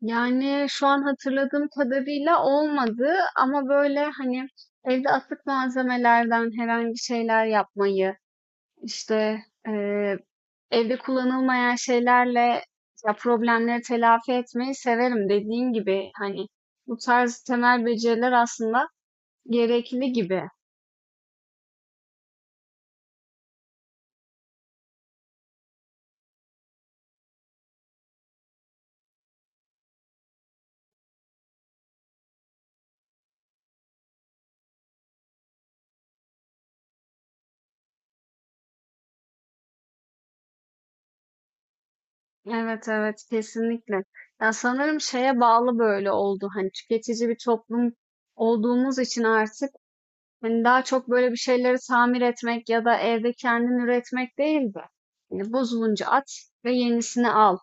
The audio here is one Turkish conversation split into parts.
Yani şu an hatırladığım kadarıyla olmadı, ama böyle hani evde atık malzemelerden herhangi şeyler yapmayı, işte eee, evde kullanılmayan şeylerle ya problemleri telafi etmeyi severim, dediğin gibi hani bu tarz temel beceriler aslında gerekli gibi. Evet evet, kesinlikle. Ya sanırım şeye bağlı böyle oldu, hani tüketici bir toplum olduğumuz için artık. Hani daha çok böyle bir şeyleri tamir etmek ya da evde kendin üretmek değil de hani bozulunca at ve yenisini al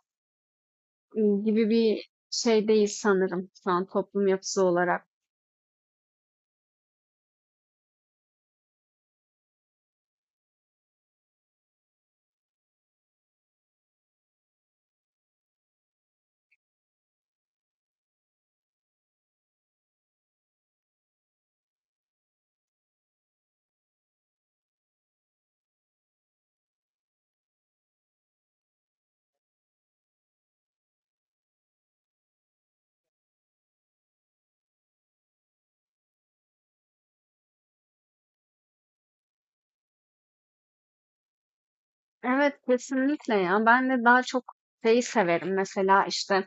gibi bir şey değil sanırım şu an toplum yapısı olarak. Evet, kesinlikle ya. Ben de daha çok şeyi severim. Mesela işte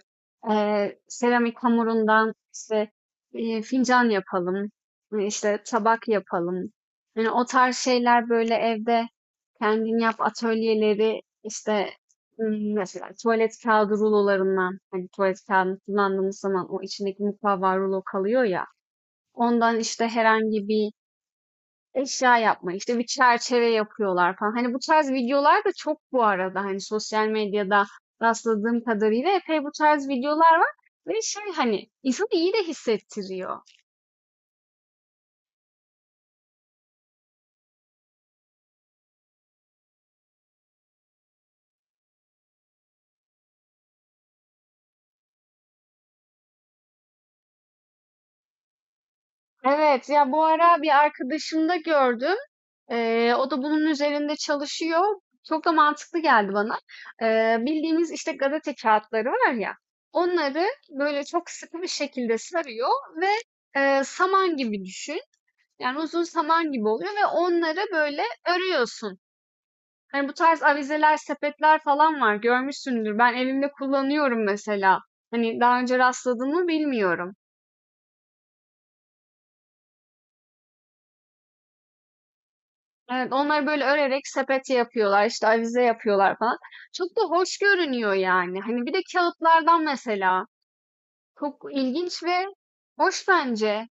seramik hamurundan, işte fincan yapalım, işte tabak yapalım. Yani o tarz şeyler, böyle evde kendin yap atölyeleri, işte mesela tuvalet kağıdı rulolarından, hani tuvalet kağıdını kullandığımız zaman o içindeki mukavva rulo kalıyor ya, ondan işte herhangi bir eşya yapma, işte bir çerçeve yapıyorlar falan. Hani bu tarz videolar da çok, bu arada hani sosyal medyada rastladığım kadarıyla epey bu tarz videolar var. Ve şey, hani insanı iyi de hissettiriyor. Evet ya, bu ara bir arkadaşımda gördüm. O da bunun üzerinde çalışıyor. Çok da mantıklı geldi bana. Bildiğimiz işte gazete kağıtları var ya. Onları böyle çok sıkı bir şekilde sarıyor ve saman gibi düşün. Yani uzun saman gibi oluyor ve onları böyle örüyorsun. Hani bu tarz avizeler, sepetler falan var. Görmüşsündür. Ben evimde kullanıyorum mesela. Hani daha önce rastladın mı bilmiyorum. Evet, onları böyle örerek sepet yapıyorlar, işte avize yapıyorlar falan. Çok da hoş görünüyor yani. Hani bir de kağıtlardan mesela. Çok ilginç ve hoş bence.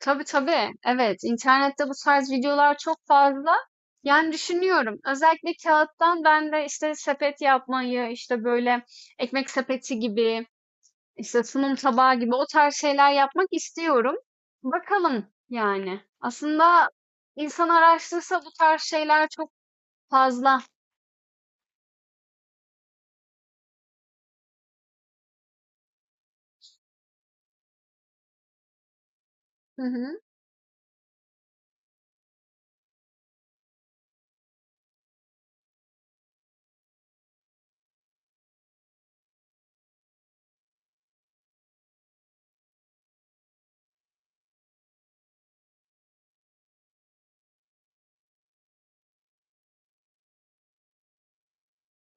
Tabii tabii. Evet, internette bu tarz videolar çok fazla. Yani düşünüyorum. Özellikle kağıttan ben de işte sepet yapmayı, işte böyle ekmek sepeti gibi, işte sunum tabağı gibi o tarz şeyler yapmak istiyorum. Bakalım yani. Aslında insan araştırsa bu tarz şeyler çok fazla. Hı hı.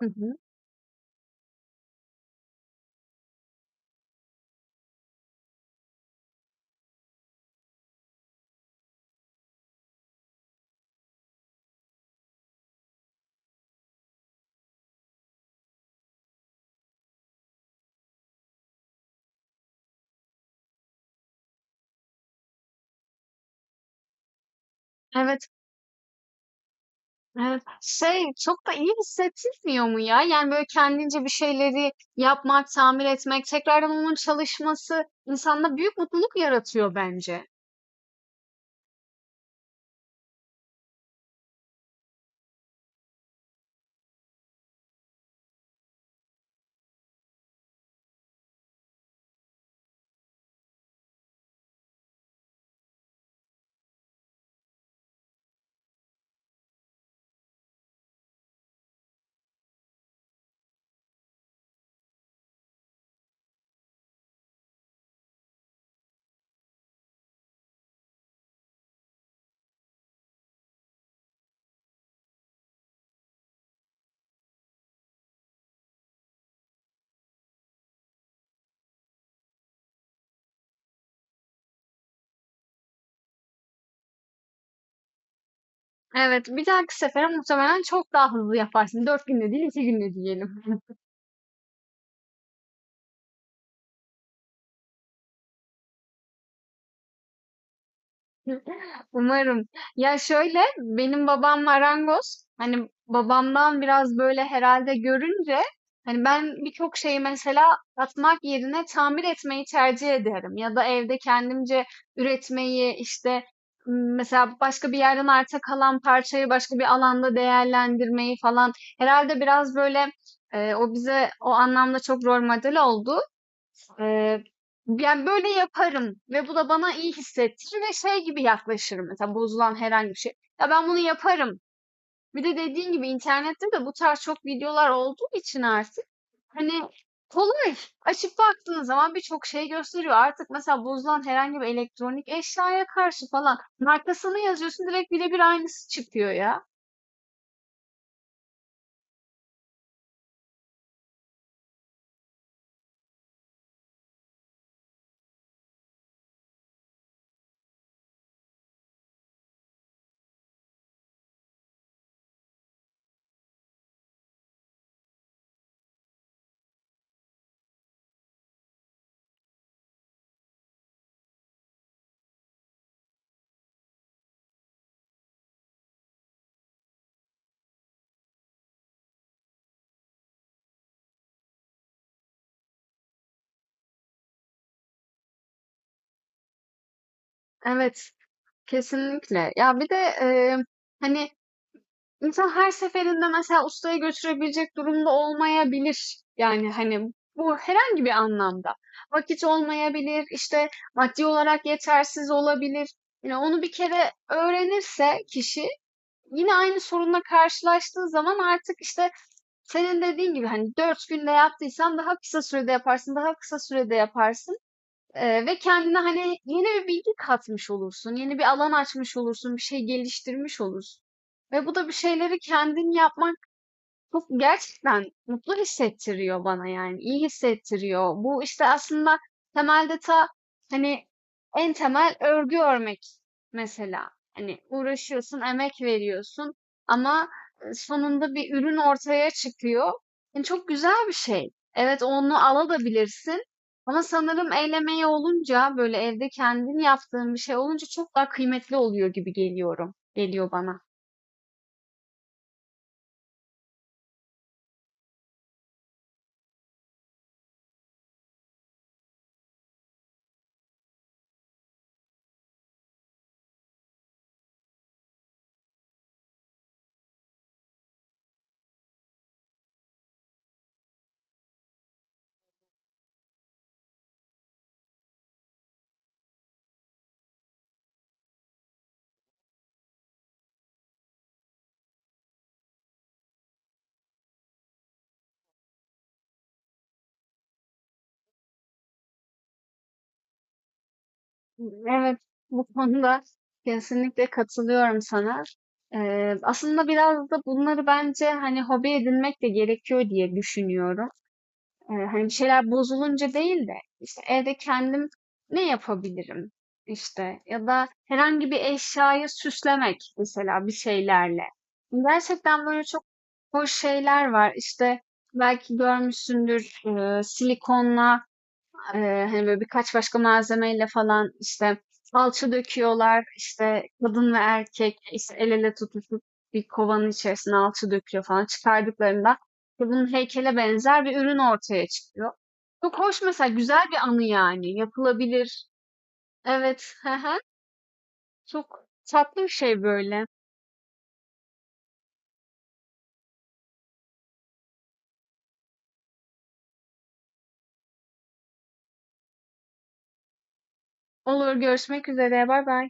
Hı hı. Evet. Evet. Şey, çok da iyi hissettirmiyor mu ya? Yani, böyle, kendince bir şeyleri yapmak, tamir etmek, tekrardan onun çalışması insanda büyük mutluluk yaratıyor bence. Evet, bir dahaki sefere muhtemelen çok daha hızlı yaparsın. 4 günde değil, 2 günde diyelim. Umarım. Ya şöyle, benim babam marangoz. Hani babamdan biraz böyle herhalde görünce hani ben birçok şeyi mesela atmak yerine tamir etmeyi tercih ederim. Ya da evde kendimce üretmeyi, işte mesela başka bir yerden arta kalan parçayı başka bir alanda değerlendirmeyi falan. Herhalde biraz böyle o bize o anlamda çok rol model oldu. Eee, Yani böyle yaparım ve bu da bana iyi hissettirir ve şey gibi yaklaşırım, mesela bozulan herhangi bir şey. Ya ben bunu yaparım. Bir de dediğin gibi internette de bu tarz çok videolar olduğu için artık hani kolay. Açıp baktığın zaman birçok şey gösteriyor. Artık mesela bozulan herhangi bir elektronik eşyaya karşı falan markasını yazıyorsun, direkt birebir aynısı çıkıyor ya. Evet, kesinlikle. Ya bir de hani İnsan her seferinde mesela ustaya götürebilecek durumda olmayabilir. Yani hani bu herhangi bir anlamda. Vakit olmayabilir, işte maddi olarak yetersiz olabilir. Yani onu bir kere öğrenirse kişi, yine aynı sorunla karşılaştığı zaman, artık işte senin dediğin gibi hani 4 günde yaptıysan daha kısa sürede yaparsın, daha kısa sürede yaparsın. Ve kendine hani yeni bir bilgi katmış olursun, yeni bir alan açmış olursun, bir şey geliştirmiş olursun. Ve bu da bir şeyleri kendin yapman çok gerçekten mutlu hissettiriyor bana yani, iyi hissettiriyor. Bu işte aslında temelde ta hani en temel örgü örmek mesela. Hani uğraşıyorsun, emek veriyorsun ama sonunda bir ürün ortaya çıkıyor. Yani çok güzel bir şey. Evet, onu alabilirsin ama sanırım el emeği olunca, böyle evde kendin yaptığın bir şey olunca çok daha kıymetli oluyor gibi geliyorum. Geliyor bana. Evet, bu konuda kesinlikle katılıyorum sana. Aslında biraz da bunları bence hani hobi edinmek de gerekiyor diye düşünüyorum. Hani bir şeyler bozulunca değil de işte evde kendim ne yapabilirim, işte ya da herhangi bir eşyayı süslemek mesela bir şeylerle. Gerçekten böyle çok hoş şeyler var. İşte belki görmüşsündür, silikonla hani, böyle, birkaç başka malzemeyle falan, işte, salça döküyorlar, işte, kadın ve erkek, işte, el ele tutuşup bir kovanın içerisine alçı döküyor falan. Çıkardıklarında kadının heykele benzer bir ürün ortaya çıkıyor. Çok hoş mesela, güzel bir anı yani. Yapılabilir. Evet. Hı hı. Çok tatlı bir şey böyle. Olur, görüşmek üzere. Bay bay.